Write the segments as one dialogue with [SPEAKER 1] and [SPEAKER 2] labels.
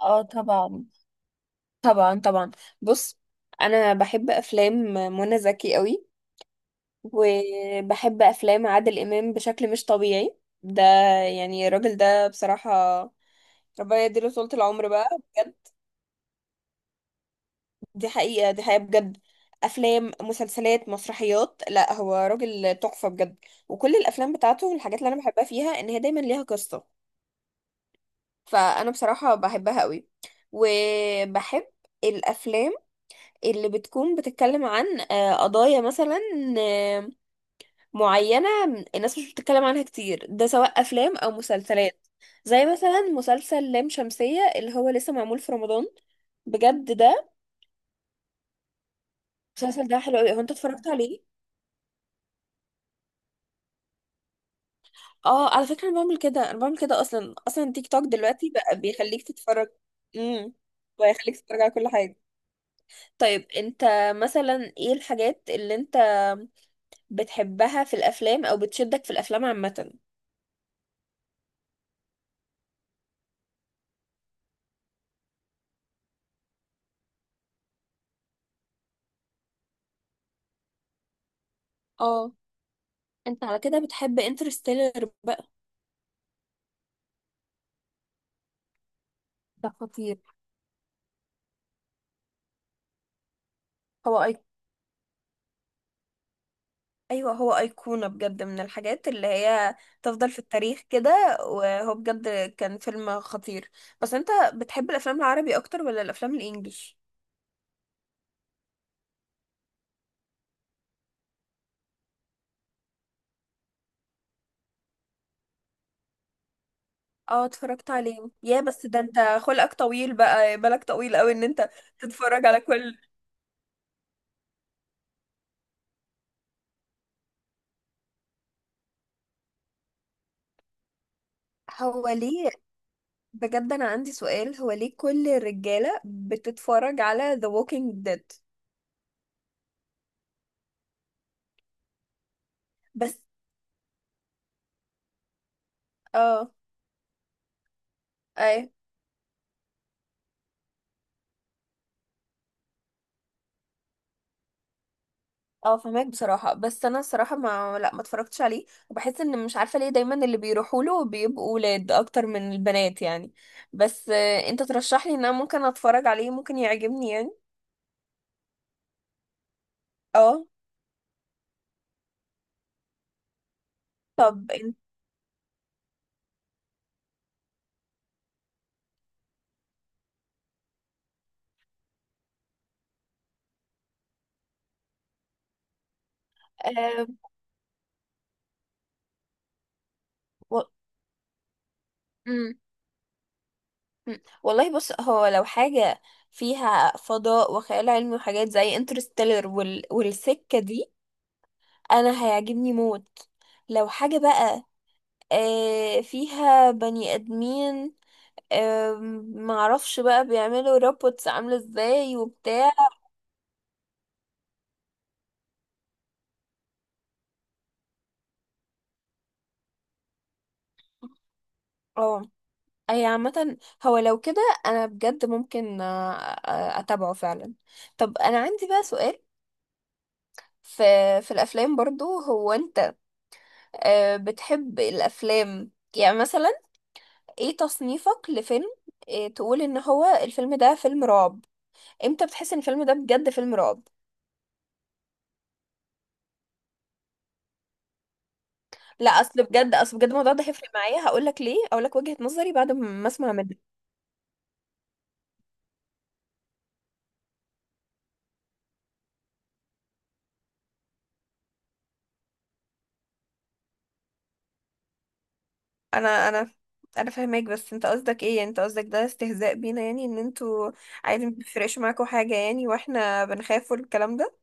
[SPEAKER 1] اه، طبعا طبعا طبعا. بص، انا بحب افلام منى زكي قوي، وبحب افلام عادل امام بشكل مش طبيعي. ده يعني الراجل ده بصراحة ربنا يديله طولة العمر بقى. بجد، دي حقيقة دي حقيقة بجد. افلام مسلسلات مسرحيات، لا هو راجل تحفة بجد. وكل الافلام بتاعته الحاجات اللي انا بحبها فيها ان هي دايما ليها قصة. فانا بصراحة بحبها قوي، وبحب الافلام اللي بتكون بتتكلم عن قضايا مثلا آه، معينة، الناس مش بتتكلم عنها كتير، ده سواء أفلام أو مسلسلات. زي مثلا مسلسل لام شمسية اللي هو لسه معمول في رمضان. بجد ده المسلسل ده حلو قوي. هو انت اتفرجت عليه؟ اه، على فكرة انا بعمل كده، انا بعمل كده اصلا اصلا. تيك توك دلوقتي بقى بيخليك تتفرج، امم ويخليك تتفرج على كل حاجة. طيب انت مثلا ايه الحاجات اللي انت بتحبها في الافلام او بتشدك في الافلام عامة؟ اه، انت على كده بتحب انترستيلر بقى؟ ده خطير. هو أي... ايوه، هو ايقونه بجد، من الحاجات اللي هي تفضل في التاريخ كده، وهو بجد كان فيلم خطير. بس انت بتحب الافلام العربي اكتر ولا الافلام الانجليش؟ اه، اتفرجت عليه يا، بس ده انت خلقك طويل بقى، بالك طويل قوي ان انت تتفرج على كل. هو ليه بجد انا عندي سؤال، هو ليه كل الرجاله بتتفرج على The Walking Dead؟ بس، اه، اي، اه، فهمك بصراحة، بس انا الصراحة ما لا ما اتفرجتش عليه، وبحس ان مش عارفة ليه دايما اللي بيروحوا له بيبقوا ولاد اكتر من البنات يعني. بس انت ترشح لي ان انا ممكن اتفرج عليه، ممكن يعجبني يعني. اه. طب انت آه و... مم. والله بص، هو لو حاجة فيها فضاء وخيال علمي وحاجات زي انترستيلر والسكة دي، انا هيعجبني موت. لو حاجة بقى فيها بني ادمين، معرفش بقى بيعملوا روبوتس عاملة ازاي وبتاع. اه، هي عامة. هو لو كده انا بجد ممكن اتابعه فعلا. طب انا عندي بقى سؤال. في في الافلام برضو، هو انت بتحب الافلام يعني مثلا، ايه تصنيفك لفيلم تقول ان هو الفيلم ده فيلم رعب؟ امتى بتحس ان الفيلم ده بجد فيلم رعب؟ لا، اصل بجد، اصل بجد الموضوع ده هيفرق معايا. هقولك ليه، هقولك وجهة نظري بعد ما اسمع منك. انا انا انا فاهمك، بس انت قصدك ايه؟ يعني انت قصدك ده استهزاء بينا، يعني ان انتوا عادي ما بيفرقش معاكوا حاجة يعني، واحنا بنخاف والكلام ده؟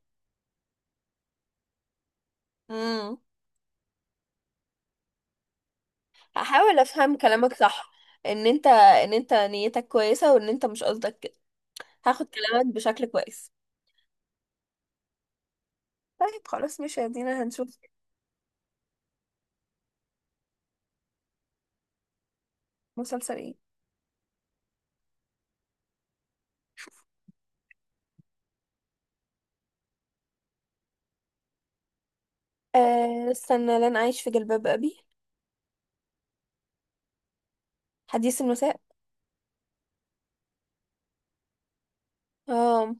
[SPEAKER 1] امم هحاول افهم كلامك صح، ان انت نيتك كويسة، وان انت مش قصدك كده. هاخد كلامك بشكل كويس. طيب خلاص، مش يدينا هنشوف. مسلسل ايه؟ أه استنى، لن اعيش في جلباب ابي. حديث المساء. اه،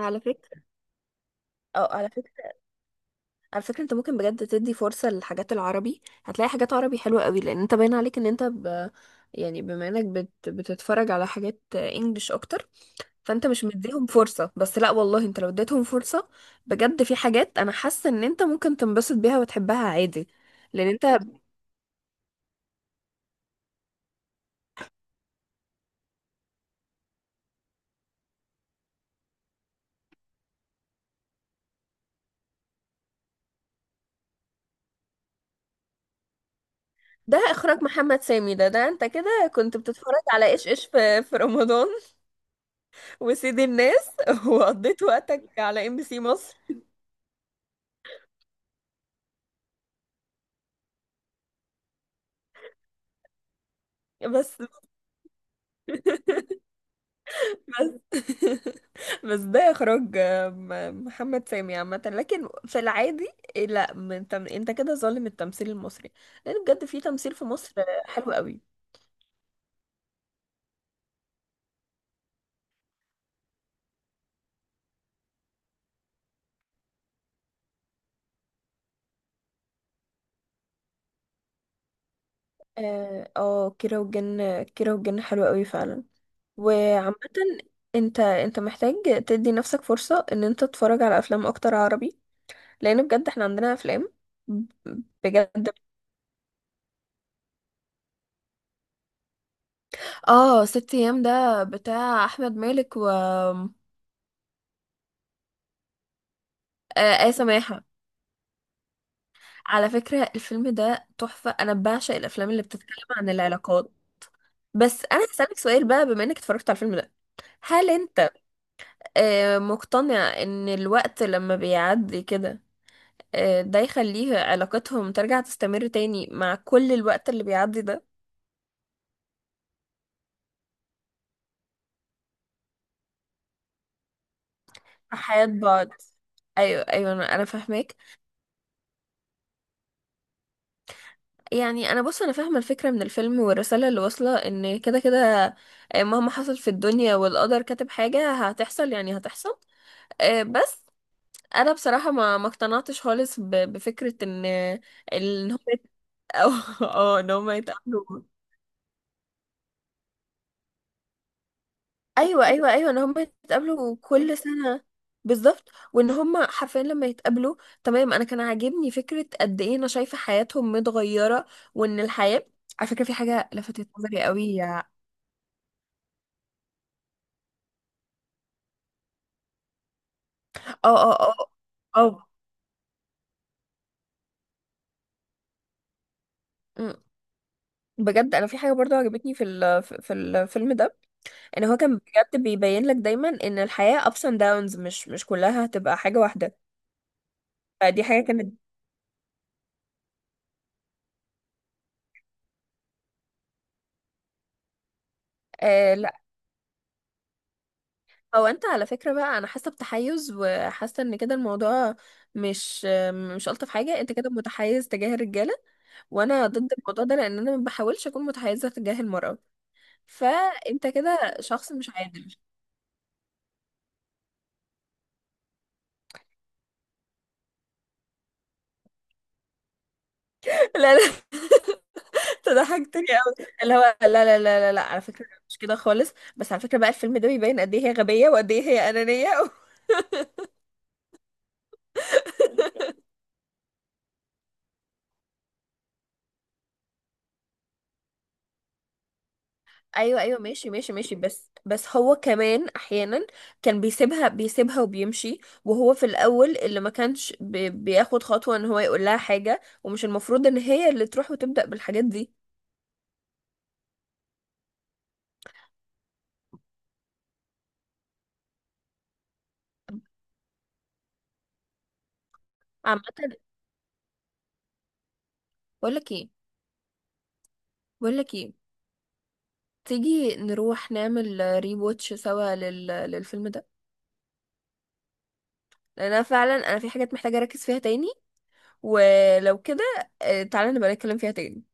[SPEAKER 1] على فكرة اه على فكرة على فكرة انت ممكن بجد تدي فرصة للحاجات العربي، هتلاقي حاجات عربي حلوة قوي، لان انت باين عليك ان انت يعني بما انك بتتفرج على حاجات انجليش اكتر، فانت مش مديهم فرصة. بس لا والله، انت لو اديتهم فرصة، بجد في حاجات انا حاسة ان انت ممكن تنبسط بيها وتحبها عادي. لان انت ده اخراج محمد سامي. ده انت كده كنت بتتفرج على ايش ايش في رمضان؟ وسيد الناس وقضيت وقتك على MBC مصر. بس بس بس ده اخراج محمد سامي عامه، لكن في العادي إيه، لا. من انت كده ظالم التمثيل المصري، لان بجد في تمثيل في مصر حلو قوي. اه، كيرة والجن، كيرة والجن حلو قوي فعلا. وعامه انت محتاج تدي نفسك فرصه ان انت تتفرج على افلام اكتر عربي، لان بجد احنا عندنا افلام. بجد، اه، ست ايام ده بتاع احمد مالك و آية سماحة. على فكرة الفيلم ده تحفة، أنا بعشق الأفلام اللي بتتكلم عن العلاقات. بس أنا هسألك سؤال بقى، بما إنك اتفرجت على الفيلم ده، هل أنت مقتنع إن الوقت لما بيعدي كده ده يخليه علاقتهم ترجع تستمر تاني مع كل الوقت اللي بيعدي ده؟ في حياة بعض، أيوة أيوة، أنا فاهماك. يعني أنا بص، أنا فاهمة الفكرة من الفيلم والرسالة اللي واصلة، إن كده كده مهما حصل في الدنيا والقدر كاتب حاجة هتحصل، يعني هتحصل. بس انا بصراحه ما اقتنعتش خالص بفكره ان هم يت- أو... اه ان هم يتقابلوا. ايوه ايوه ايوه، ان هم يتقابلوا كل سنه. بالظبط، وان هم حرفيا لما يتقابلوا تمام، انا كان عاجبني فكره قد ايه انا شايفه حياتهم متغيره. وان الحياه، على فكره في حاجه لفتت نظري قوي. اه، اه، اه، اه. أمم. بجد، انا في حاجه برضو عجبتني في الفيلم ده، ان هو كان بجد بيبين لك دايما ان الحياه ups and downs، مش كلها هتبقى حاجه واحده. فدي حاجة كانت. آه لا، هو انت على فكرة بقى انا حاسة بتحيز، وحاسة ان كده الموضوع مش الطف حاجة. انت كده متحيز تجاه الرجالة، وانا ضد الموضوع ده، لان انا ما بحاولش اكون متحيزة تجاه المرأة، فانت كده شخص مش عادل لا لا، انت ضحكتني قوي اللي هو لا لا لا لا لا. على فكرة مش كده خالص، بس على فكرة بقى الفيلم ده بيبين قد ايه هي غبية وقد ايه هي أنانية ايوه ايوه، ماشي ماشي ماشي. بس هو كمان احيانا كان بيسيبها، بيسيبها وبيمشي. وهو في الاول اللي ما كانش بياخد خطوه ان هو يقول لها حاجه، ومش المفروض ان هي اللي تروح وتبدا بالحاجات دي. عامه، بقول لك ايه، بقول لك ايه، تيجي نروح نعمل ري واتش سوا للفيلم ده، لان انا فعلا انا في حاجات محتاجه اركز فيها تاني، ولو كده تعالى نبقى نتكلم فيها تاني.